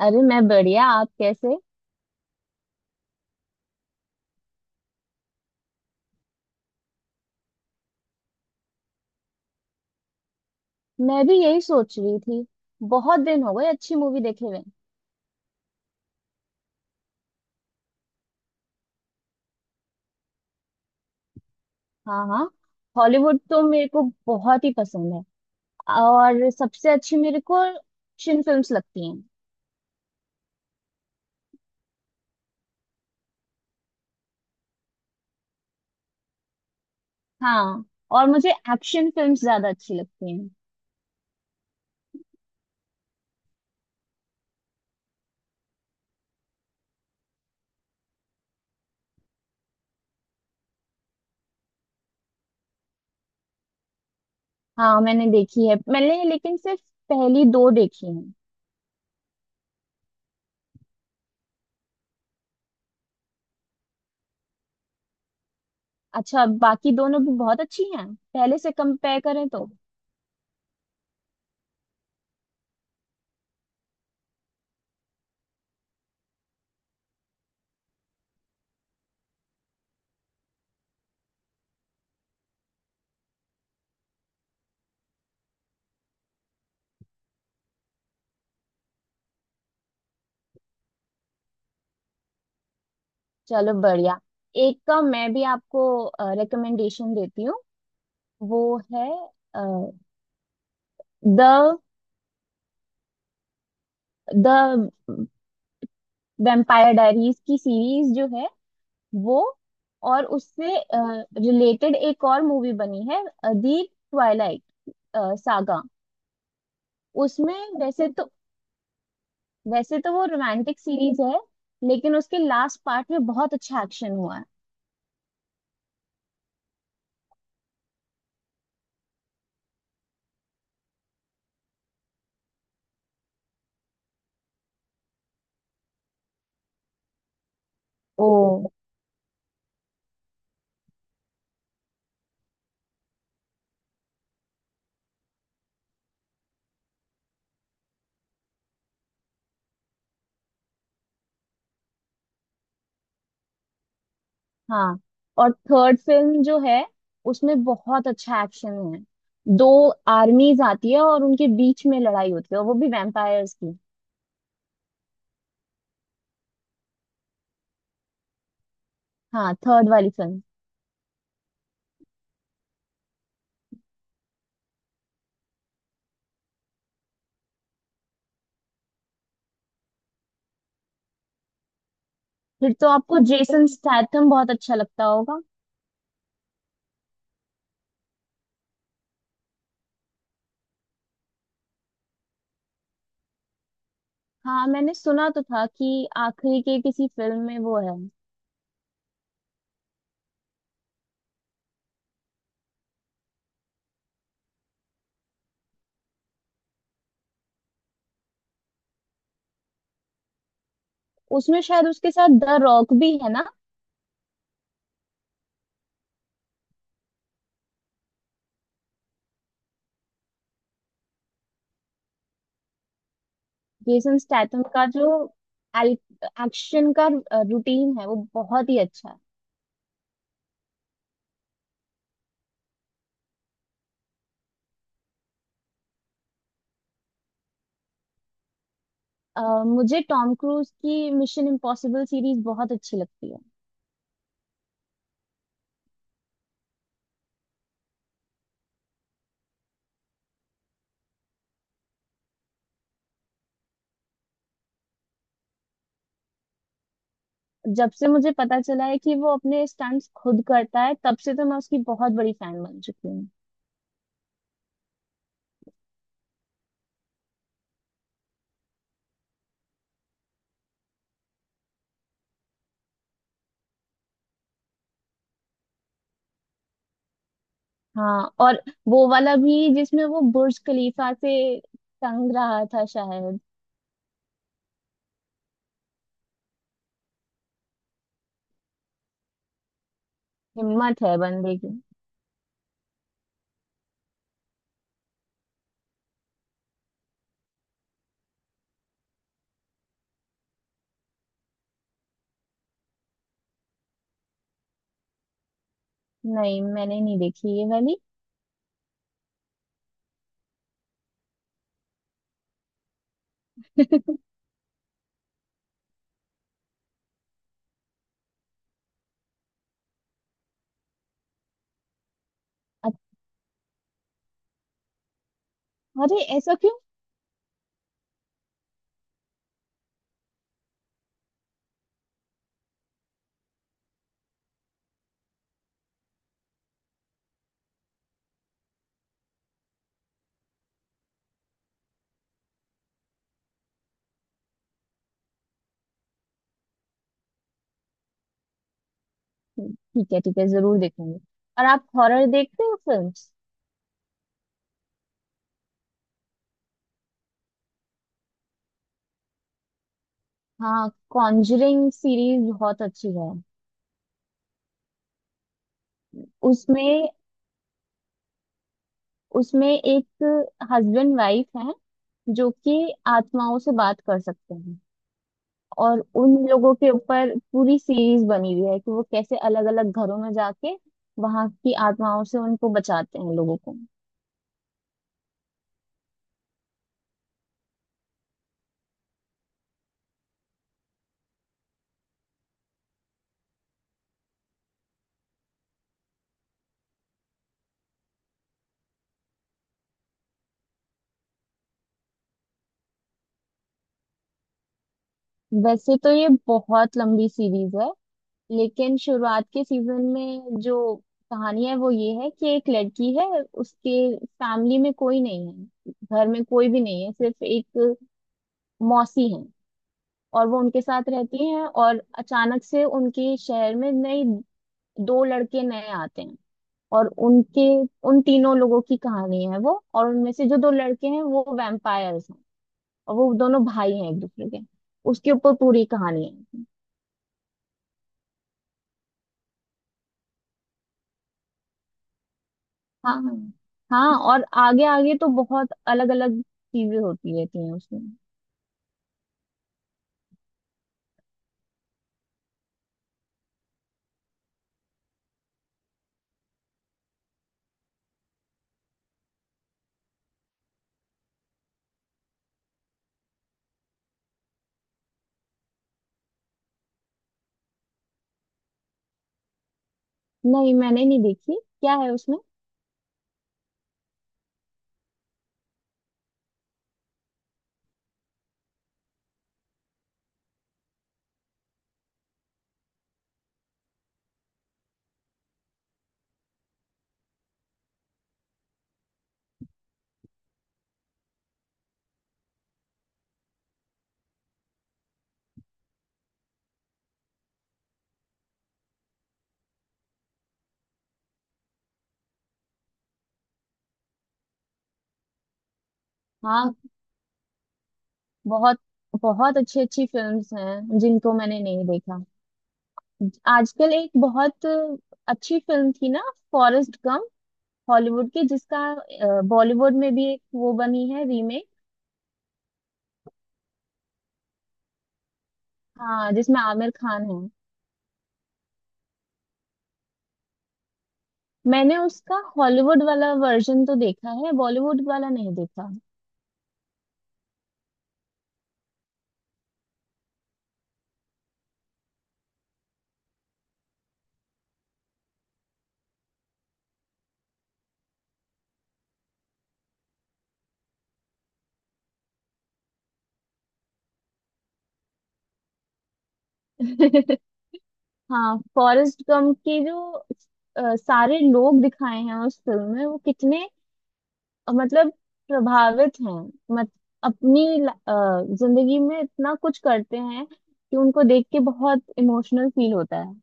अरे मैं बढ़िया। आप कैसे? मैं भी यही सोच रही थी। बहुत दिन हो गए अच्छी मूवी देखे हुए। हाँ हाँ, हॉलीवुड तो मेरे को बहुत ही पसंद है। और सबसे अच्छी मेरे को एक्शन फिल्म्स लगती हैं। हाँ, और मुझे एक्शन फिल्म्स ज्यादा अच्छी लगती हैं। हाँ मैंने देखी है, मैंने लेकिन सिर्फ पहली दो देखी हैं। अच्छा, बाकी दोनों भी बहुत अच्छी हैं पहले से कंपेयर करें तो। चलो बढ़िया, एक का मैं भी आपको रिकमेंडेशन देती हूँ। वो है द द वेम्पायर डायरीज की सीरीज जो है वो। और उससे रिलेटेड एक और मूवी बनी है, दी ट्वाइलाइट सागा। उसमें वैसे तो वैसे तो वो रोमांटिक सीरीज है, लेकिन उसके लास्ट पार्ट में बहुत अच्छा एक्शन हुआ है। ओ हाँ। और थर्ड फिल्म जो है उसमें बहुत अच्छा एक्शन है। दो आर्मीज आती है और उनके बीच में लड़ाई होती है, और वो भी वैम्पायर्स की। हाँ थर्ड वाली फिल्म। फिर तो आपको जेसन स्टैथम बहुत अच्छा लगता होगा। हाँ, मैंने सुना तो था कि आखिरी के किसी फिल्म में वो है। उसमें शायद उसके साथ द रॉक भी है ना। जेसन स्टैथम का जो एक्शन का रूटीन है वो बहुत ही अच्छा है। अ, मुझे टॉम क्रूज की मिशन इम्पॉसिबल सीरीज बहुत अच्छी लगती है। जब से मुझे पता चला है कि वो अपने स्टंट्स खुद करता है, तब से तो मैं उसकी बहुत बड़ी फैन बन चुकी हूँ। हाँ, और वो वाला भी जिसमें वो बुर्ज खलीफा से तंग रहा था शायद। हिम्मत है बंदे की। नहीं मैंने नहीं देखी ये वाली। अच्छा, अरे ऐसा क्यों? ठीक है ठीक है, जरूर देखूंगी। और आप हॉरर देखते हो फिल्म्स? हाँ, कॉन्जरिंग सीरीज बहुत अच्छी है। उसमें उसमें एक हस्बैंड वाइफ है जो कि आत्माओं से बात कर सकते हैं। और उन लोगों के ऊपर पूरी सीरीज बनी हुई है कि वो कैसे अलग अलग घरों में जाके वहां की आत्माओं से उनको बचाते हैं, लोगों को। वैसे तो ये बहुत लंबी सीरीज है, लेकिन शुरुआत के सीजन में जो कहानी है वो ये है कि एक लड़की है। उसके फैमिली में कोई नहीं है, घर में कोई भी नहीं है, सिर्फ एक मौसी है। और वो उनके साथ रहती हैं, और अचानक से उनके शहर में नई दो लड़के नए आते हैं। और उनके, उन तीनों लोगों की कहानी है वो। और उनमें से जो दो लड़के हैं वो वैम्पायर्स हैं। और वो दोनों भाई हैं एक दूसरे के। उसके ऊपर पूरी कहानी है। हाँ हाँ, और आगे आगे तो बहुत अलग अलग चीजें होती रहती हैं उसमें। नहीं मैंने नहीं देखी, क्या है उसमें? हाँ, बहुत बहुत अच्छी अच्छी फिल्म्स हैं जिनको मैंने नहीं देखा। आजकल एक बहुत अच्छी फिल्म थी ना, फॉरेस्ट गम, हॉलीवुड की, जिसका बॉलीवुड में भी एक वो बनी है, रीमेक। हाँ जिसमें आमिर खान है। मैंने उसका हॉलीवुड वाला वर्जन तो देखा है, बॉलीवुड वाला नहीं देखा। हाँ फॉरेस्ट गम के जो सारे लोग दिखाए हैं उस फिल्म में, वो कितने मतलब प्रभावित हैं। मत अपनी ल- अ, जिंदगी में इतना कुछ करते हैं कि उनको देख के बहुत इमोशनल फील होता है।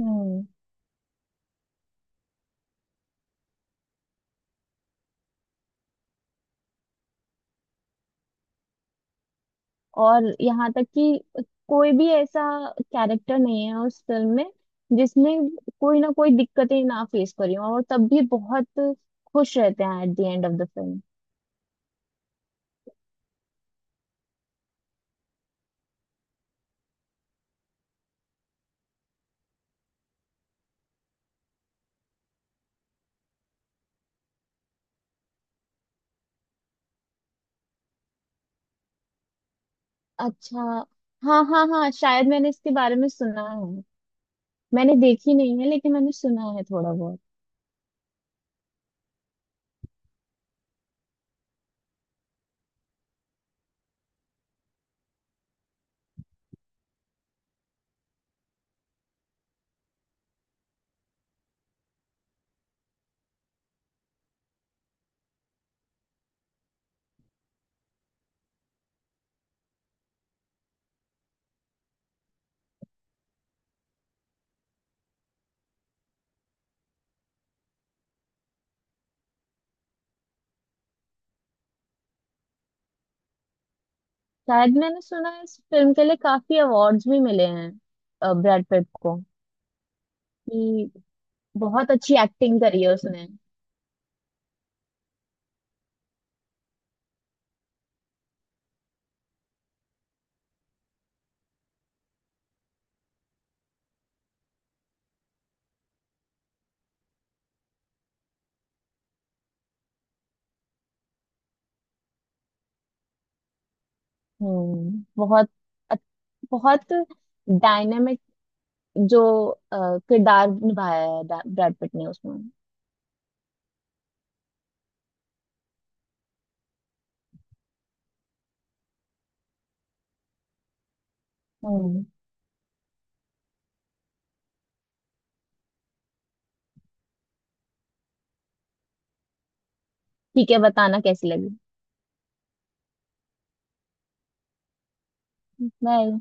हम्म। और यहाँ तक कि कोई भी ऐसा कैरेक्टर नहीं है उस फिल्म में जिसने कोई ना कोई दिक्कतें ना फेस करी हो, और तब भी बहुत खुश रहते हैं at the end of the film. अच्छा हाँ हाँ हाँ, शायद मैंने इसके बारे में सुना है। मैंने देखी नहीं है, लेकिन मैंने सुना है थोड़ा बहुत। शायद मैंने सुना है इस फिल्म के लिए काफी अवार्ड्स भी मिले हैं ब्रैड पिट को, कि बहुत अच्छी एक्टिंग करी है उसने। हम्म, बहुत अच्छ- बहुत डायनेमिक जो अ, किरदार निभाया है ब्रैड पिट ने उसमें। हम्म, ठीक है बताना कैसी लगी। बाय।